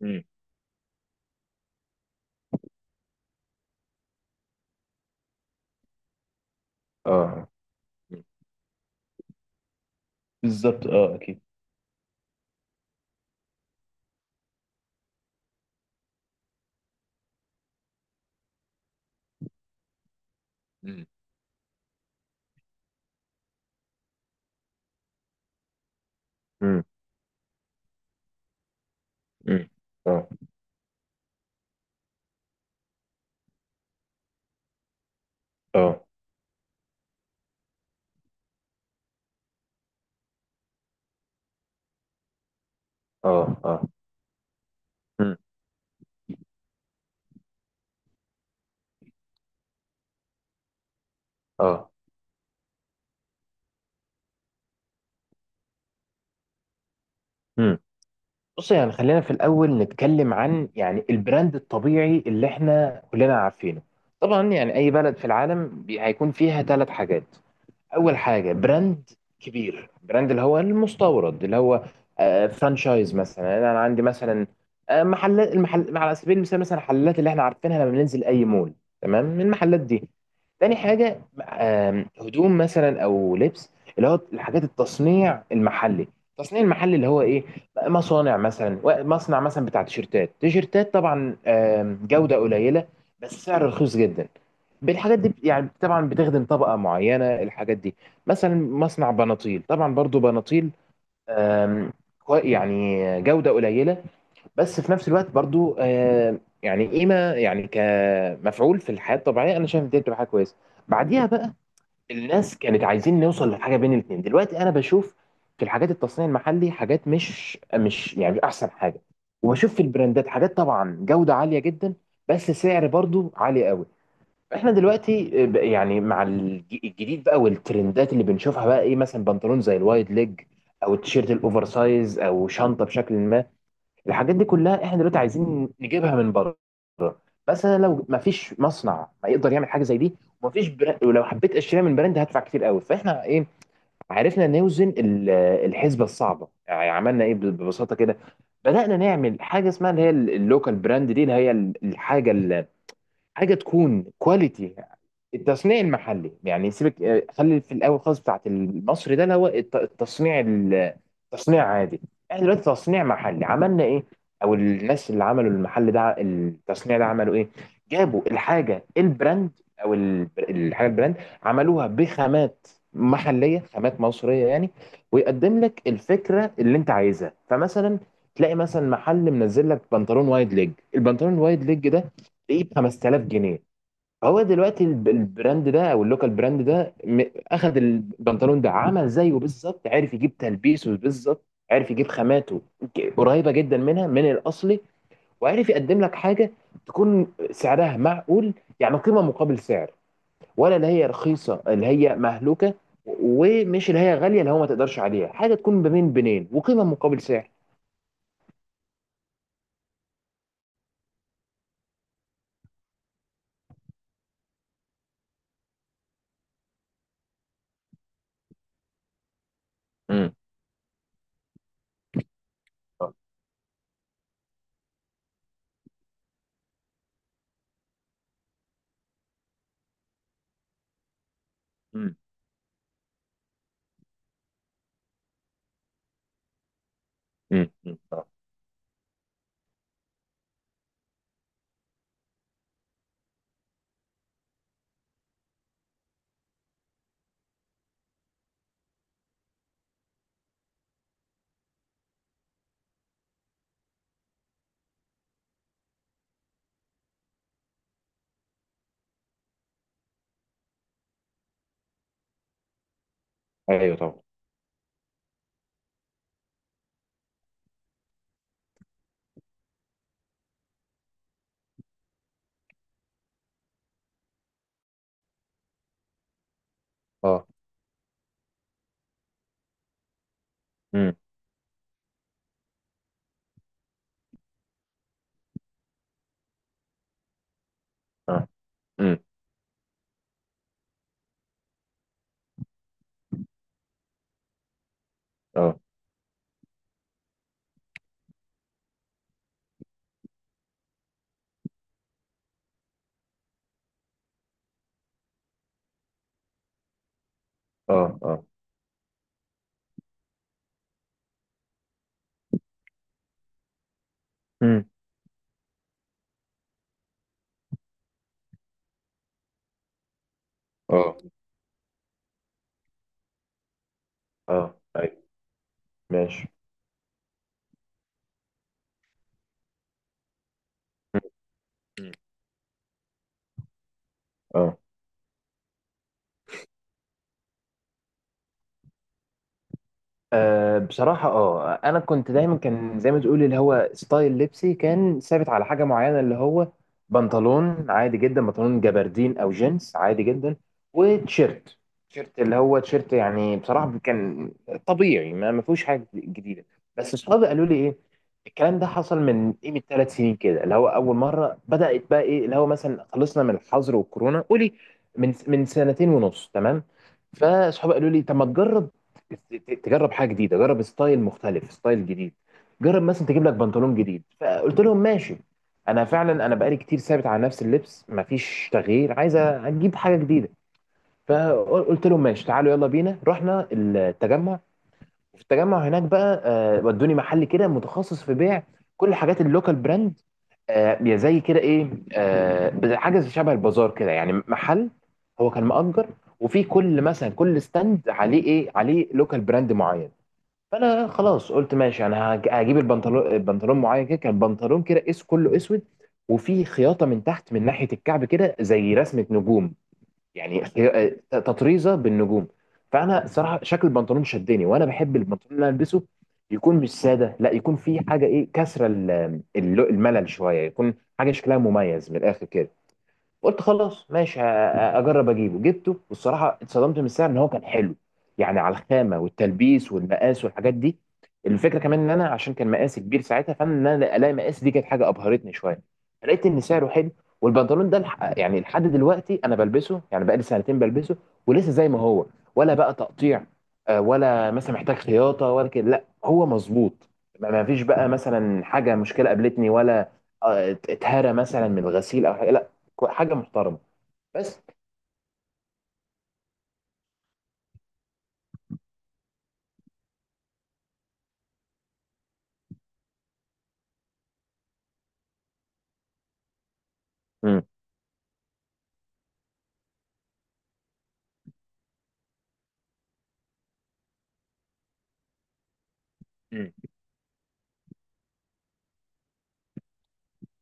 مم. اه. مم. بالظبط، اه، اكيد. مم. مم. مم. اه. اه. اه. اه. مم. اه. مم. بص، يعني خلينا في الاول نتكلم عن يعني البراند الطبيعي اللي احنا كلنا عارفينه. طبعا يعني اي بلد في العالم هيكون فيها ثلاث حاجات. اول حاجه براند كبير، براند اللي هو المستورد، اللي هو فرانشايز، مثلا انا عندي مثلا محلات، المحل على سبيل المثال، مثلا الحلات اللي احنا عارفينها لما بننزل اي مول. تمام، من المحلات دي. تاني حاجه هدوم مثلا او لبس، اللي هو الحاجات التصنيع المحلي، التصنيع المحلي اللي هو ايه؟ مصانع مثلا مصنع مثلا بتاع تيشيرتات، تيشيرتات طبعا جوده قليله بس سعر رخيص جدا. بالحاجات دي يعني طبعا بتخدم طبقة معينة الحاجات دي. مثلا مصنع بناطيل، طبعا برضو بناطيل آم، يعني جودة قليلة بس في نفس الوقت برضو يعني قيمة، يعني كمفعول في الحياة الطبيعية أنا شايف دي بتبقى حاجة كويسة. بعديها بقى الناس كانت عايزين نوصل لحاجة بين الاتنين. دلوقتي أنا بشوف في الحاجات التصنيع المحلي حاجات مش يعني مش أحسن حاجة، وبشوف في البراندات حاجات طبعا جودة عالية جدا، بس سعر برضو عالي قوي. احنا دلوقتي يعني مع الجديد بقى والترندات اللي بنشوفها، بقى ايه؟ مثلا بنطلون زي الوايد ليج، او التيشيرت الاوفر سايز، او شنطه بشكل ما. الحاجات دي كلها احنا دلوقتي عايزين نجيبها من بره. مثلا لو ما فيش مصنع ما يقدر يعمل حاجه زي دي، وما فيش براند، ولو حبيت اشتريها من براند هدفع كتير قوي، فاحنا ايه، عرفنا نوزن الحسبه الصعبه. يعني عملنا ايه ببساطه كده؟ بدأنا نعمل حاجه اسمها اللي هي اللوكال براند دي، اللي هي الحاجه، حاجه تكون كواليتي، التصنيع المحلي. يعني سيبك خلي في الاول خالص بتاعت المصري ده، اللي هو التصنيع التصنيع عادي. احنا دلوقتي تصنيع محلي عملنا ايه؟ او الناس اللي عملوا المحل ده، التصنيع ده، عملوا ايه؟ جابوا الحاجه البراند، او الحاجه البراند، عملوها بخامات محليه، خامات مصريه يعني، ويقدم لك الفكره اللي انت عايزها. فمثلا تلاقي مثلا محل منزل لك بنطلون وايد ليج، البنطلون الوايد ليج ده ايه؟ ب 5000 جنيه. هو دلوقتي البراند ده، او اللوكال براند ده، اخد البنطلون ده، عمل زيه بالظبط، عرف يجيب تلبيسه بالظبط، عرف يجيب خاماته قريبه جدا منها من الاصلي، وعرف يقدم لك حاجه تكون سعرها معقول، يعني قيمه مقابل سعر. ولا اللي هي رخيصه اللي هي مهلوكه، ومش اللي هي غاليه اللي هو ما تقدرش عليها. حاجه تكون بين بينين، وقيمه مقابل سعر. امم. امم. امم. ايوه، طبعا. اه. امم. اه. امم. اه. اه. امم. اه. اه. ايوه، ماشي. امم. اه. أه، بصراحة، اه، انا كنت دايما كان زي ما تقول، اللي هو ستايل لبسي كان ثابت على حاجة معينة، اللي هو بنطلون عادي جدا، بنطلون جبردين او جينز عادي جدا، وتيشيرت، تيشيرت، اللي هو تيشيرت يعني. بصراحة كان طبيعي، ما فيهوش حاجة جديدة. بس اصحابي قالوا لي ايه، الكلام ده حصل من ايه، من ثلاث سنين كده، اللي هو اول مرة بدأت بقى ايه، اللي هو مثلا خلصنا من الحظر والكورونا، قولي من سنتين ونص، تمام. فاصحابي قالوا لي طب ما تجرب، ت- تجرب حاجه جديده، جرب ستايل مختلف، ستايل جديد، جرب مثلا تجيب لك بنطلون جديد. فقلت لهم ماشي، انا فعلا انا بقالي كتير ثابت على نفس اللبس، مفيش تغيير، عايز اجيب حاجه جديده. فقلت لهم ماشي، تعالوا يلا بينا. رحنا التجمع، وفي التجمع هناك بقى ودوني محل كده متخصص في بيع كل حاجات اللوكال براند، زي كده ايه، حاجه زي شبه البازار كده، يعني محل، هو كان مأجر، وفي كل، مثلا كل ستاند عليه ايه، عليه لوكال براند معين. فانا خلاص قلت ماشي، انا هجيب البنطلون معين كده. كان بنطلون كده اس كله اسود، وفي خياطه من تحت من ناحيه الكعب كده زي رسمه نجوم، يعني تطريزه بالنجوم. فانا صراحه شكل البنطلون شدني، وانا بحب البنطلون اللي أنا البسه يكون مش ساده، لا يكون فيه حاجه، ايه، كسره الملل شويه، يكون حاجه شكلها مميز من الاخر كده. قلت خلاص ماشي، اجرب اجيبه. جبته، والصراحه اتصدمت من السعر، ان هو كان حلو، يعني على الخامه والتلبيس والمقاس والحاجات دي. الفكره كمان ان انا، عشان كان مقاسي كبير ساعتها، فان انا الاقي مقاس دي كانت حاجه ابهرتني شويه. لقيت ان سعره حلو. والبنطلون ده يعني لحد دلوقتي انا بلبسه، يعني بقالي سنتين بلبسه، ولسه زي ما هو، ولا بقى تقطيع، ولا مثلا محتاج خياطه، ولا كده، لا هو مظبوط، ما فيش بقى مثلا حاجه، مشكله قابلتني، ولا اتهرى مثلا من الغسيل او حاجه، حاجه محترمه. بس. مم. مم.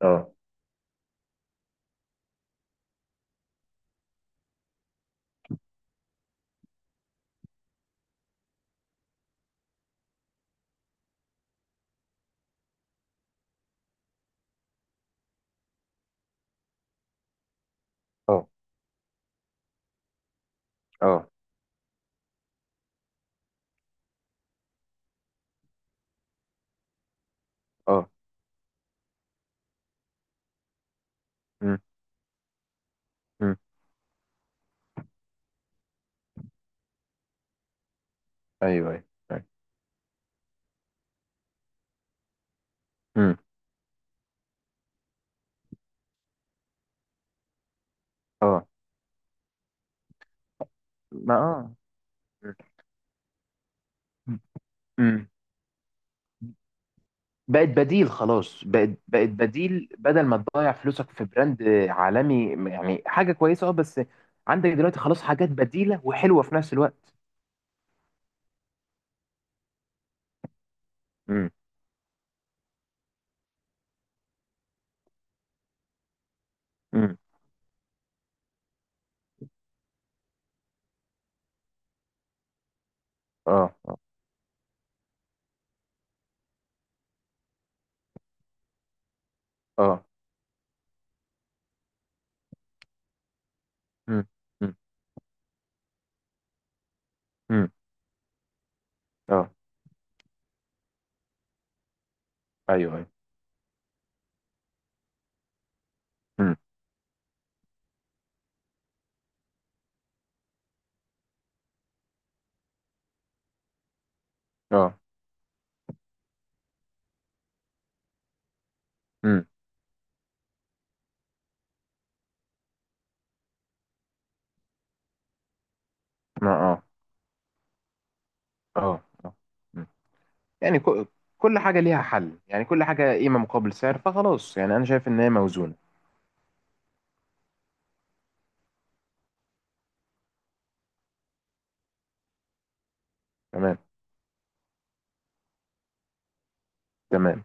اه. اه. اه. اه. مم. مم. ايوه، ايوه. أيوة. مم. اه. ما، اه. مم. مم. بقت بديل، خلاص بقت بديل، بدل ما تضيع فلوسك في براند عالمي، يعني حاجه كويسه، اه. بس عندك دلوقتي خلاص حاجات بديله وحلوه في نفس الوقت. مم. مم. اه. اه. اه. مم. مم. مم. اه. ايوه، ايوه. مم. اه. مم. ما، اه. اه. آه. مم. يعني كل حاجة ليها حل، يعني كل حاجة قيمة مقابل سعر، فخلاص يعني أنا شايف إن هي موزونة. تمام، تمام.